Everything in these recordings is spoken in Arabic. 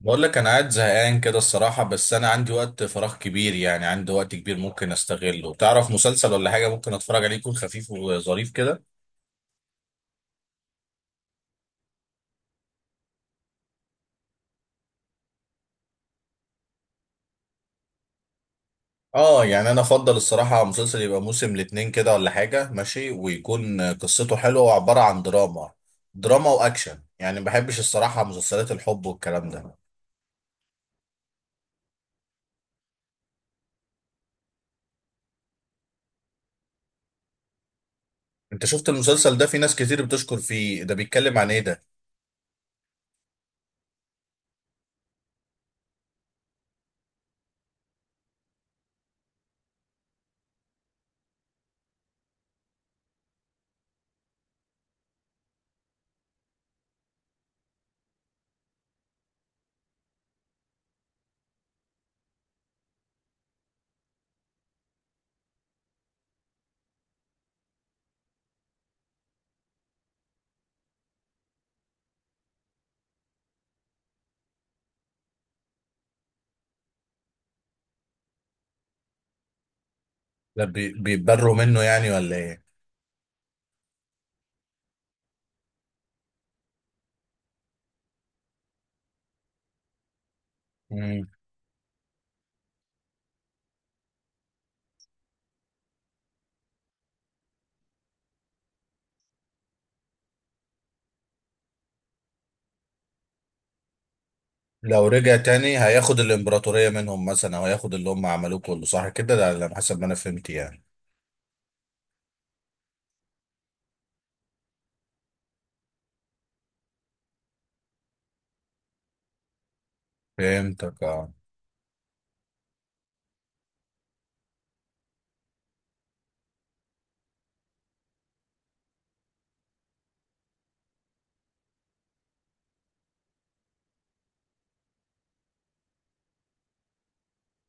بقول لك انا قاعد زهقان كده الصراحة، بس انا عندي وقت فراغ كبير، يعني عندي وقت كبير ممكن استغله. تعرف مسلسل ولا حاجة ممكن اتفرج عليه يكون خفيف وظريف كده؟ اه، يعني انا افضل الصراحة مسلسل يبقى موسم الاتنين كده ولا حاجة ماشي، ويكون قصته حلوة وعبارة عن دراما. دراما واكشن، يعني ما بحبش الصراحة مسلسلات الحب والكلام ده. انت شفت المسلسل ده؟ في ناس كتير بتشكر فيه. ده بيتكلم عن ايه ده؟ ده بيتبروا منه يعني ولا ايه؟ لو رجع تاني هياخد الامبراطورية منهم مثلا، او هياخد اللي هم عملوه كله، صح كده؟ ده على حسب ما انا فهمت يعني. فهمتك اه.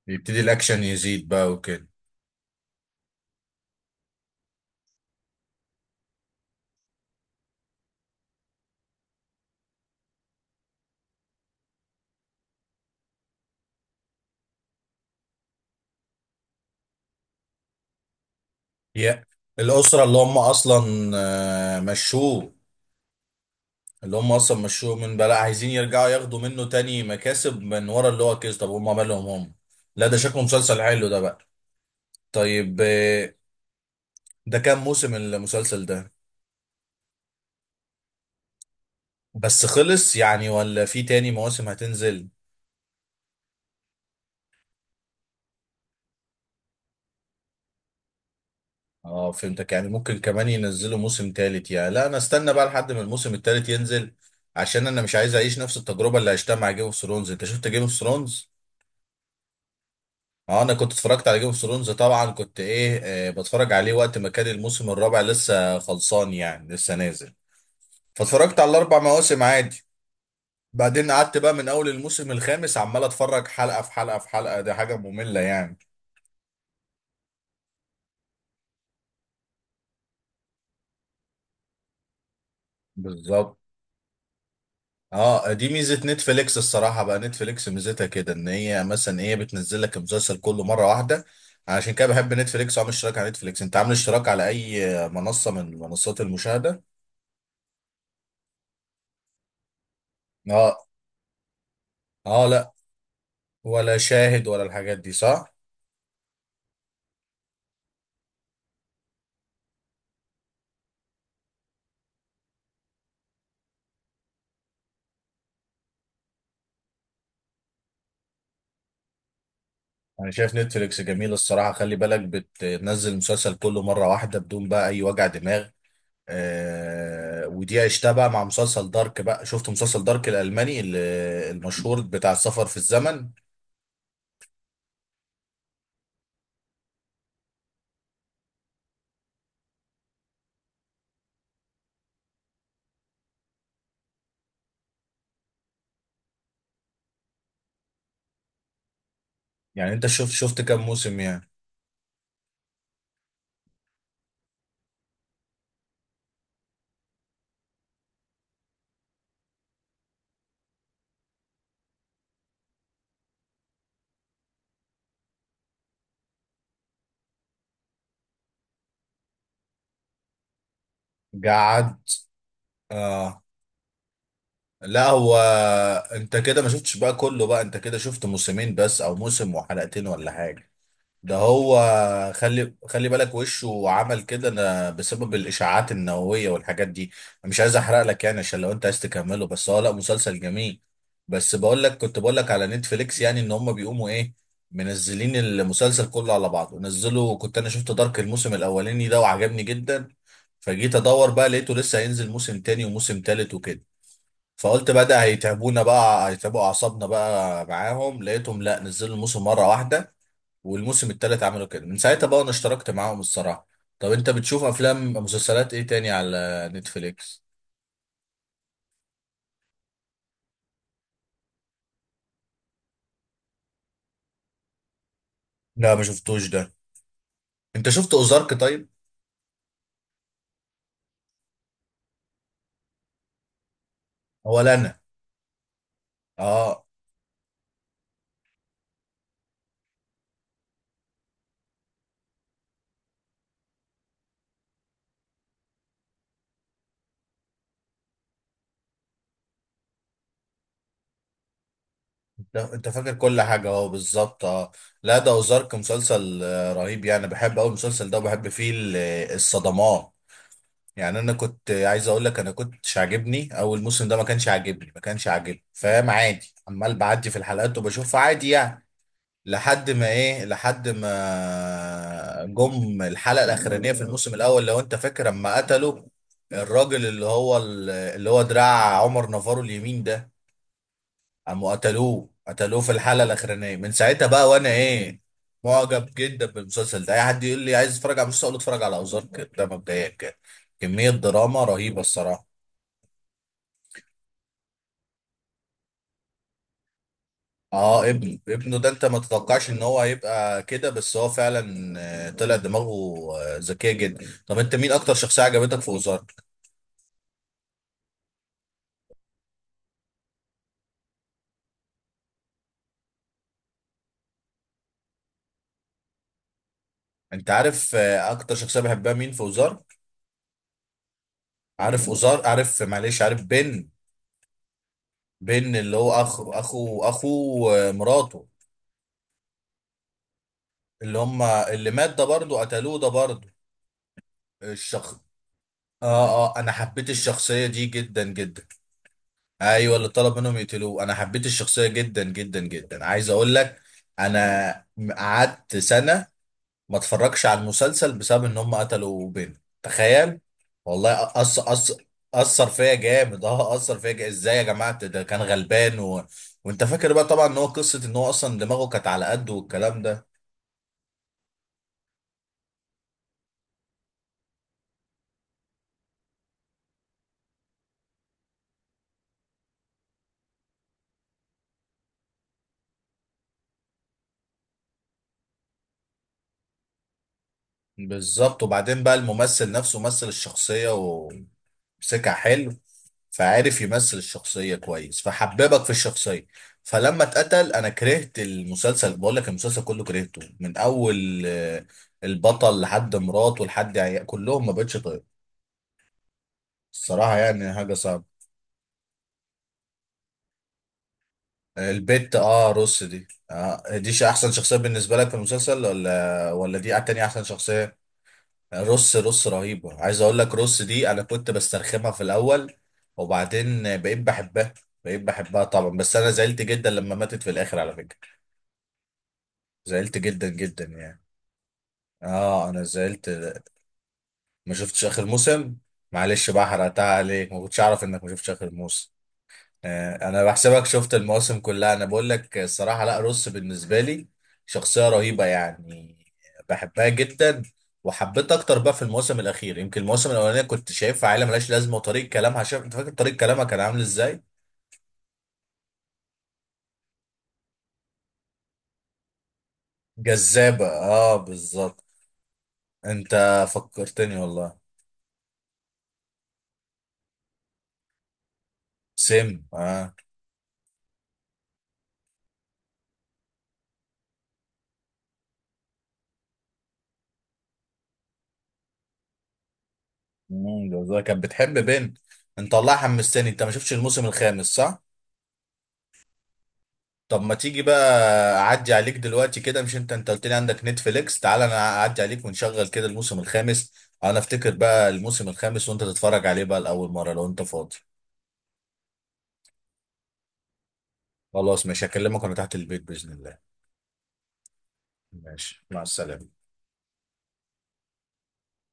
يبتدي الاكشن يزيد بقى وكده. يا الاسرة اللي هم اصلا مشوه، اللي هم اصلا مشوه من بقى، لا عايزين يرجعوا ياخدوا منه تاني مكاسب من ورا اللي هو كيس؟ طب هم مالهم هم؟ لا، ده شكله مسلسل حلو ده بقى. طيب ده كام موسم المسلسل ده؟ بس خلص يعني، ولا في تاني مواسم هتنزل؟ اه فهمتك، يعني ممكن كمان ينزلوا موسم تالت يعني. لا، انا استنى بقى لحد ما الموسم التالت ينزل، عشان انا مش عايز اعيش نفس التجربه اللي عشتها مع جيم اوف ثرونز. انت شفت جيم اوف ثرونز؟ اه، انا كنت اتفرجت على جيم اوف ثرونز طبعا، كنت ايه بتفرج عليه وقت ما كان الموسم الرابع لسه خلصان يعني، لسه نازل. فاتفرجت على الاربع مواسم عادي. بعدين قعدت بقى من اول الموسم الخامس عمال اتفرج حلقه في حلقه في حلقه، دي حاجه ممله يعني. بالظبط. اه، دي ميزه نتفليكس الصراحه بقى. نتفليكس ميزتها كده، ان هي مثلا ايه، بتنزل لك المسلسل كله مره واحده. عشان كده بحب نتفليكس، وعامل اشتراك على نتفليكس. انت عامل اشتراك على اي منصه من منصات المشاهده؟ اه. اه لا، ولا شاهد ولا الحاجات دي، صح؟ انا شايف نتفليكس جميل الصراحه. خلي بالك بتنزل المسلسل كله مره واحده بدون بقى اي وجع دماغ. آه، ودي عشتها بقى مع مسلسل دارك بقى. شفت مسلسل دارك الالماني المشهور بتاع السفر في الزمن؟ يعني انت شفت كام موسم يعني؟ قعدت. اه. لا هو، انت كده ما شفتش بقى كله بقى، انت كده شفت موسمين بس او موسم وحلقتين ولا حاجة؟ ده هو. خلي بالك وشه عمل كده انا بسبب الاشاعات النوويه والحاجات دي. أنا مش عايز احرق لك يعني، عشان لو انت عايز تكمله. بس هو لا، مسلسل جميل. بس بقول لك كنت بقول لك على نتفليكس، يعني ان هم بيقوموا ايه منزلين المسلسل كله على بعضه. نزلوا، كنت انا شفت دارك الموسم الاولاني ده وعجبني جدا. فجيت ادور بقى، لقيته لسه هينزل موسم تاني وموسم تالت وكده. فقلت بقى ده هيتعبونا بقى، هيتعبوا اعصابنا بقى معاهم. لقيتهم لا، نزلوا الموسم مره واحده، والموسم التالت عملوا كده. من ساعتها بقى انا اشتركت معاهم الصراحة. طب انت بتشوف افلام مسلسلات ايه تاني على نتفليكس؟ لا، ما شفتوش ده. انت شفت اوزارك طيب؟ ولا انا. اه. انت فاكر كل حاجة اهو بالظبط، اه. لا، ده اوزارك مسلسل رهيب يعني. بحب اول المسلسل ده، وبحب فيه الصدمات. يعني انا كنت عايز اقول لك، انا كنتش عاجبني اول موسم ده، ما كانش عاجبني، فاهم؟ عادي عمال بعدي في الحلقات وبشوفها عادي يعني، لحد ما ايه، لحد ما جم الحلقه الاخرانيه في الموسم الاول. لو انت فاكر لما قتلوا الراجل اللي هو اللي هو دراع عمر نافارو اليمين ده، قاموا قتلوه في الحلقه الاخرانيه. من ساعتها بقى وانا ايه، معجب جدا بالمسلسل ده. اي حد يقول لي عايز اتفرج على مسلسل، اقول له اتفرج على ازارك ده مبدئيا كده. كميه دراما رهيبه الصراحه. اه، ابنه ده انت ما تتوقعش ان هو هيبقى كده، بس هو فعلا طلع دماغه ذكيه جدا. طب انت مين اكتر شخصيه عجبتك في وزارت؟ انت عارف اكتر شخصيه بحبها مين في وزارت؟ عارف وزار؟ عارف معلش، عارف بن؟ بن اللي هو اخو مراته، اللي هم اللي مات ده برضه، قتلوه ده برضه الشخص. اه. اه، انا حبيت الشخصيه دي جدا جدا. ايوه، اللي طلب منهم يقتلوه. انا حبيت الشخصيه جدا جدا جدا. عايز اقول لك، انا قعدت سنه ما اتفرجش على المسلسل بسبب ان هم قتلوا بنت. تخيل! والله أص اثر فيا جامد، اه اثر فيا جامد. ازاي يا جماعه؟ ده كان غلبان و... وانت فاكر بقى طبعا ان هو قصه ان هو اصلا دماغه كانت على قده والكلام ده. بالظبط. وبعدين بقى الممثل نفسه مثل الشخصيه سكة حلو، فعارف يمثل الشخصية كويس، فحببك في الشخصية. فلما اتقتل انا كرهت المسلسل. بقول لك المسلسل كله كرهته، من اول البطل لحد مراته لحد عيال كلهم. ما بقتش طيب الصراحة، يعني حاجة صعبة. البت اه روس دي، آه دي احسن شخصية بالنسبة لك في المسلسل، ولا دي تاني احسن شخصية؟ رص رهيبة. عايز اقول لك رص دي انا كنت بسترخمها في الاول، وبعدين بقيت بحبها، طبعا. بس انا زعلت جدا لما ماتت في الاخر على فكرة، زعلت جدا جدا يعني. اه، انا زعلت. ما شفتش اخر موسم؟ معلش بقى، حرقتها عليك. ما كنتش اعرف انك ما شفتش اخر موسم. انا بحسبك شفت المواسم كلها. انا بقول لك الصراحه، لا، روس بالنسبه لي شخصيه رهيبه يعني، بحبها جدا. وحبيت اكتر بقى في الموسم الاخير. يمكن الموسم الاولانيه كنت شايفها عيله ملهاش لازمه، وطريقه كلامها، شايف؟ انت فاكر طريقه كلامها كان عامل ازاي؟ جذابه، اه بالظبط. انت فكرتني والله. سم. اه بالظبط. كانت بتحب بنت. انت والله حمستني. انت ما شفتش الموسم الخامس، صح؟ طب ما تيجي بقى، اعدي عليك دلوقتي كده؟ مش انت انت قلت لي عندك نتفليكس؟ تعال انا اعدي عليك، ونشغل كده الموسم الخامس. انا افتكر بقى الموسم الخامس، وانت تتفرج عليه بقى لاول مره، لو انت فاضي. خلاص ماشي، هكلمك وانا تحت البيت باذن الله. ماشي، مع السلامه.